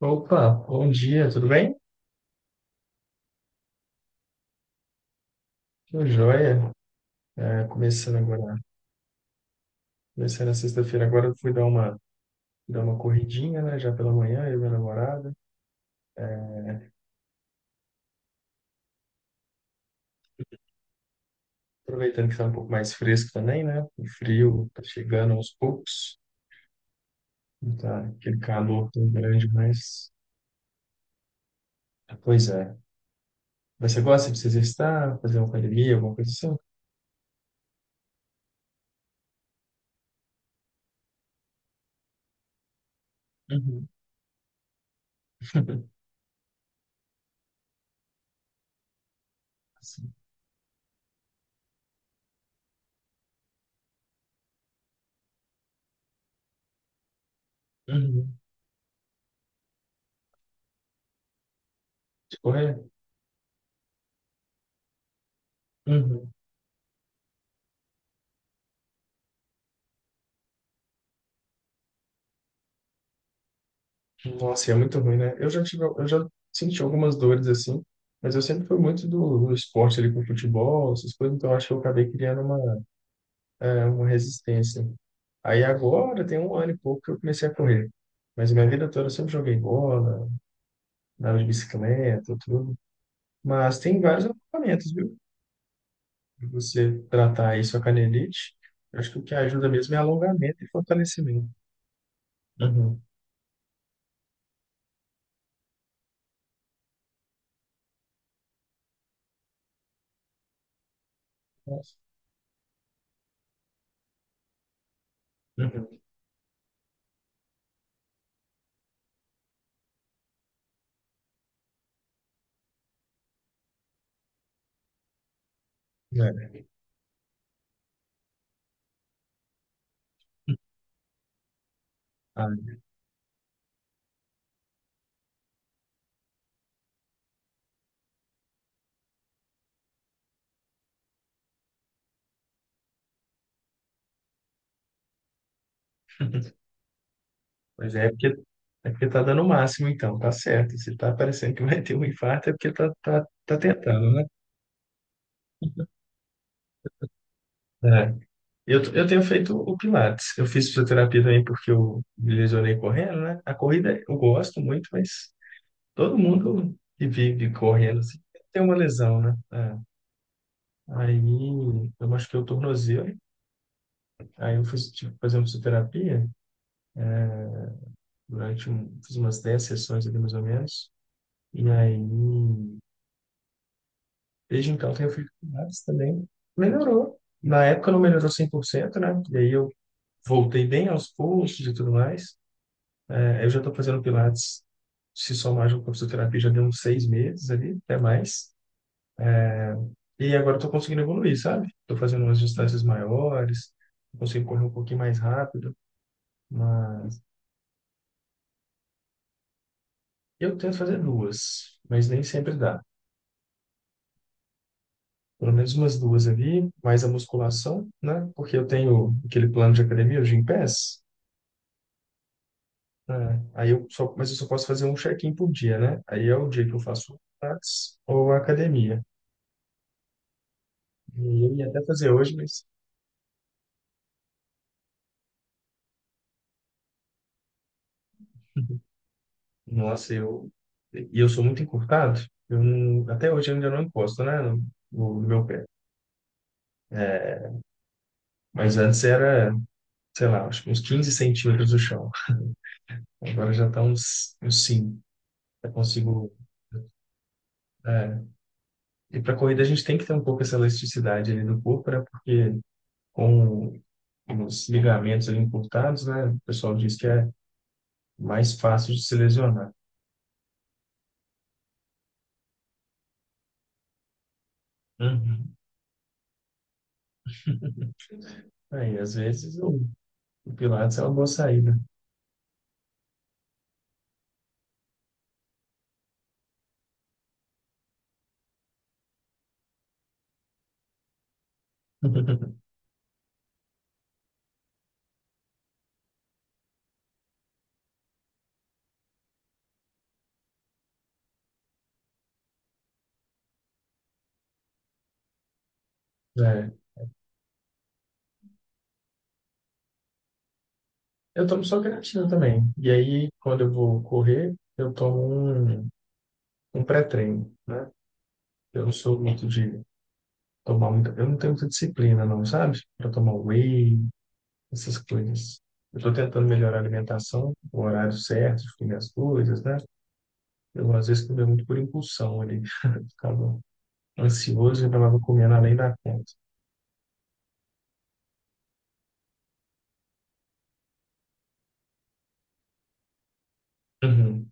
Opa, bom dia, tudo bem? Tô joia. É, começando agora, começando na sexta-feira. Agora eu fui dar uma corridinha, né? Já pela manhã, eu e minha namorada. Aproveitando que tá um pouco mais fresco também, né? O frio tá chegando aos poucos. Não tá aquele calor tão grande, mas. Pois é. Mas você gosta de se exercitar, fazer uma academia, alguma coisa assim? Uhum. Assim, uhum. De correr? Nossa, e é muito ruim, né? Eu já senti algumas dores assim, mas eu sempre fui muito do esporte ali com futebol, essas coisas, então eu acho que eu acabei criando uma resistência. Aí agora tem um ano e pouco que eu comecei a correr. Mas minha vida toda eu sempre joguei bola, andava de bicicleta, tudo. Mas tem vários alongamentos, viu? Pra você tratar aí sua canelite, eu acho que o que ajuda mesmo é alongamento e fortalecimento. Uhum. Nossa. Uhum. É. Ah, pois é, é porque tá dando o máximo, então, tá certo. Se tá parecendo que vai ter um infarto, é porque tá tentando, né? É. Eu tenho feito o Pilates. Eu fiz fisioterapia também porque eu me lesionei correndo, né? A corrida eu gosto muito, mas todo mundo que vive correndo assim, tem uma lesão, né? É. Aí eu machuquei o tornozelo. Aí eu fiz, tipo, fazer uma fisioterapia fiz umas 10 sessões ali mais ou menos. E aí, desde então tenho feito pilates também. Melhorou. Na época não melhorou 100%, né? E aí eu voltei bem aos poucos e tudo mais. É, eu já estou fazendo pilates, se somar junto com a fisioterapia, já deu uns 6 meses ali, até mais. E agora estou conseguindo evoluir, sabe? Estou fazendo umas distâncias maiores, consigo correr um pouquinho mais rápido. Mas eu tento fazer duas, mas nem sempre dá. Pelo menos umas duas ali, mais a musculação, né? Porque eu tenho aquele plano de academia, o Gympass. É, aí mas eu só posso fazer um check-in por dia, né? Aí é o dia que eu faço Pilates ou academia. E eu ia até fazer hoje, mas nossa, eu sou muito encurtado. Eu não, Até hoje eu ainda não encosto, né, no meu pé. É, mas antes era, sei lá, acho que uns 15 centímetros do chão. Agora já está uns cinco. Eu consigo. É. E para corrida a gente tem que ter um pouco essa elasticidade ali do corpo, né? Porque com os ligamentos ali encurtados, né? O pessoal diz que é mais fácil de se lesionar. Uhum. Aí, às vezes, o Pilates é uma boa saída. É. Eu tomo só creatina também. E aí, quando eu vou correr, eu tomo um, um pré-treino, né? Eu não sou muito de tomar muita. Eu não tenho muita disciplina, não, sabe? Para tomar whey, essas coisas. Eu estou tentando melhorar a alimentação, o horário certo de comer as coisas, né? Eu, às vezes, comia muito por impulsão ali. Ficava ansioso e acabava comendo além da conta. Uhum.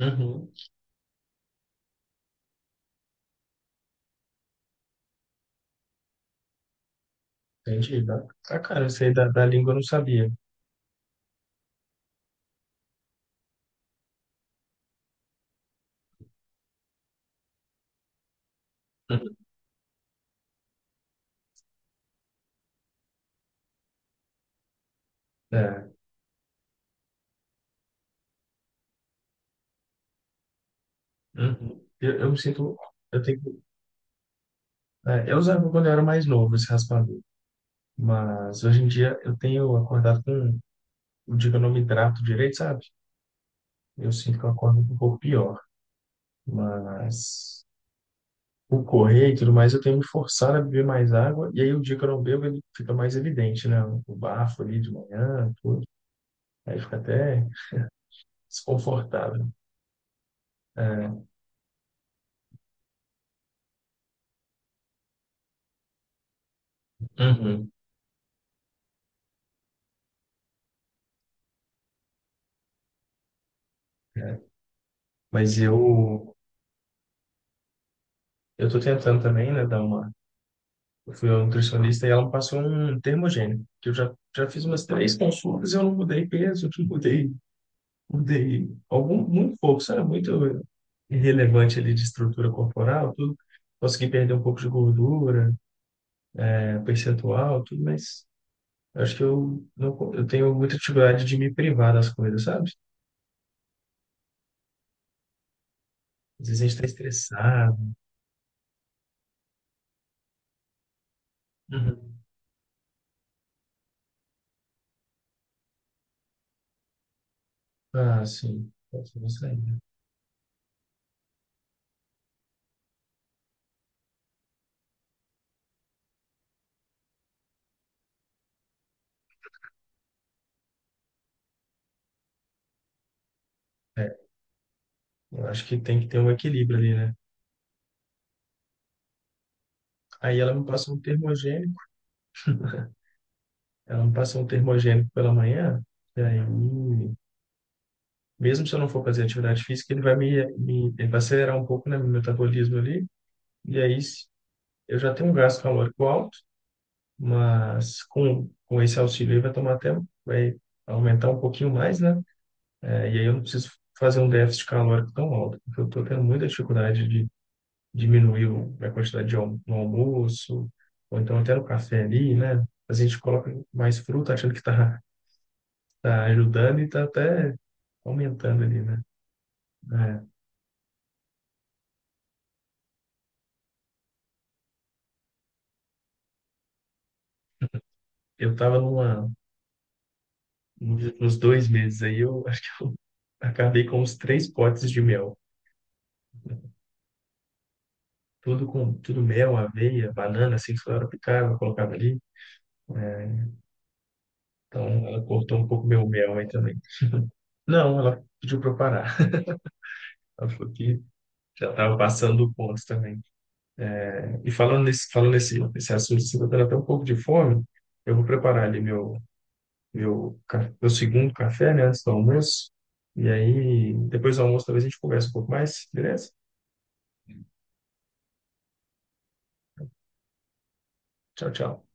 Uhum, entendi. Bacana, isso aí da língua eu não sabia. Uhum. É, uhum. Eu me sinto. Eu tenho, eu usava quando eu era mais novo esse raspador, mas hoje em dia eu tenho acordado com. O dia que eu não me hidrato direito, sabe? Eu sinto que eu acordo um pouco pior, mas o correr e tudo mais, eu tenho me forçado a beber mais água, e aí o dia que eu não bebo, ele fica mais evidente, né? O bafo ali de manhã, tudo. Aí fica até desconfortável, né? É, uhum. Mas eu. Eu tô tentando também, né, dar uma. Eu fui ao nutricionista e ela me passou um termogênico, que eu já fiz umas 3 consultas, e eu não mudei peso, não mudei, mudei algum, muito pouco, sabe? Muito irrelevante ali de estrutura corporal, tudo. Consegui perder um pouco de gordura, né, percentual, tudo, mas acho que eu, não, eu tenho muita dificuldade de me privar das coisas, sabe? Às vezes a gente tá estressado. Uhum. Ah, sim. Pode ser isso aí, né? É, eu acho que tem que ter um equilíbrio ali, né? Aí ela me passa um termogênico, Ela me passou um termogênico pela manhã, e aí, mesmo se eu não for fazer atividade física, ele vai acelerar um pouco, né, meu metabolismo ali, e aí eu já tenho um gasto calórico alto, mas com esse auxílio aí vai aumentar um pouquinho mais, né. É, e aí eu não preciso fazer um déficit calórico tão alto, porque eu estou tendo muita dificuldade de diminuir a quantidade no almoço, ou então até no café ali, né, a gente coloca mais fruta achando que está tá ajudando e está até aumentando ali, né? É, eu tava numa, nos nos 2 meses aí, eu acho que eu acabei com uns 3 potes de mel. Tudo com tudo mel, aveia, banana, assim, que ela picava, eu colocava ali. É, então ela cortou um pouco meu mel aí também. Não, ela pediu para eu parar. Ela falou que já estava passando o ponto também. É, e nesse assunto, assim, eu tô tendo até um pouco de fome. Eu vou preparar ali meu segundo café, né, antes do almoço. E aí, depois do almoço, talvez a gente converse um pouco mais, beleza? Tchau, tchau.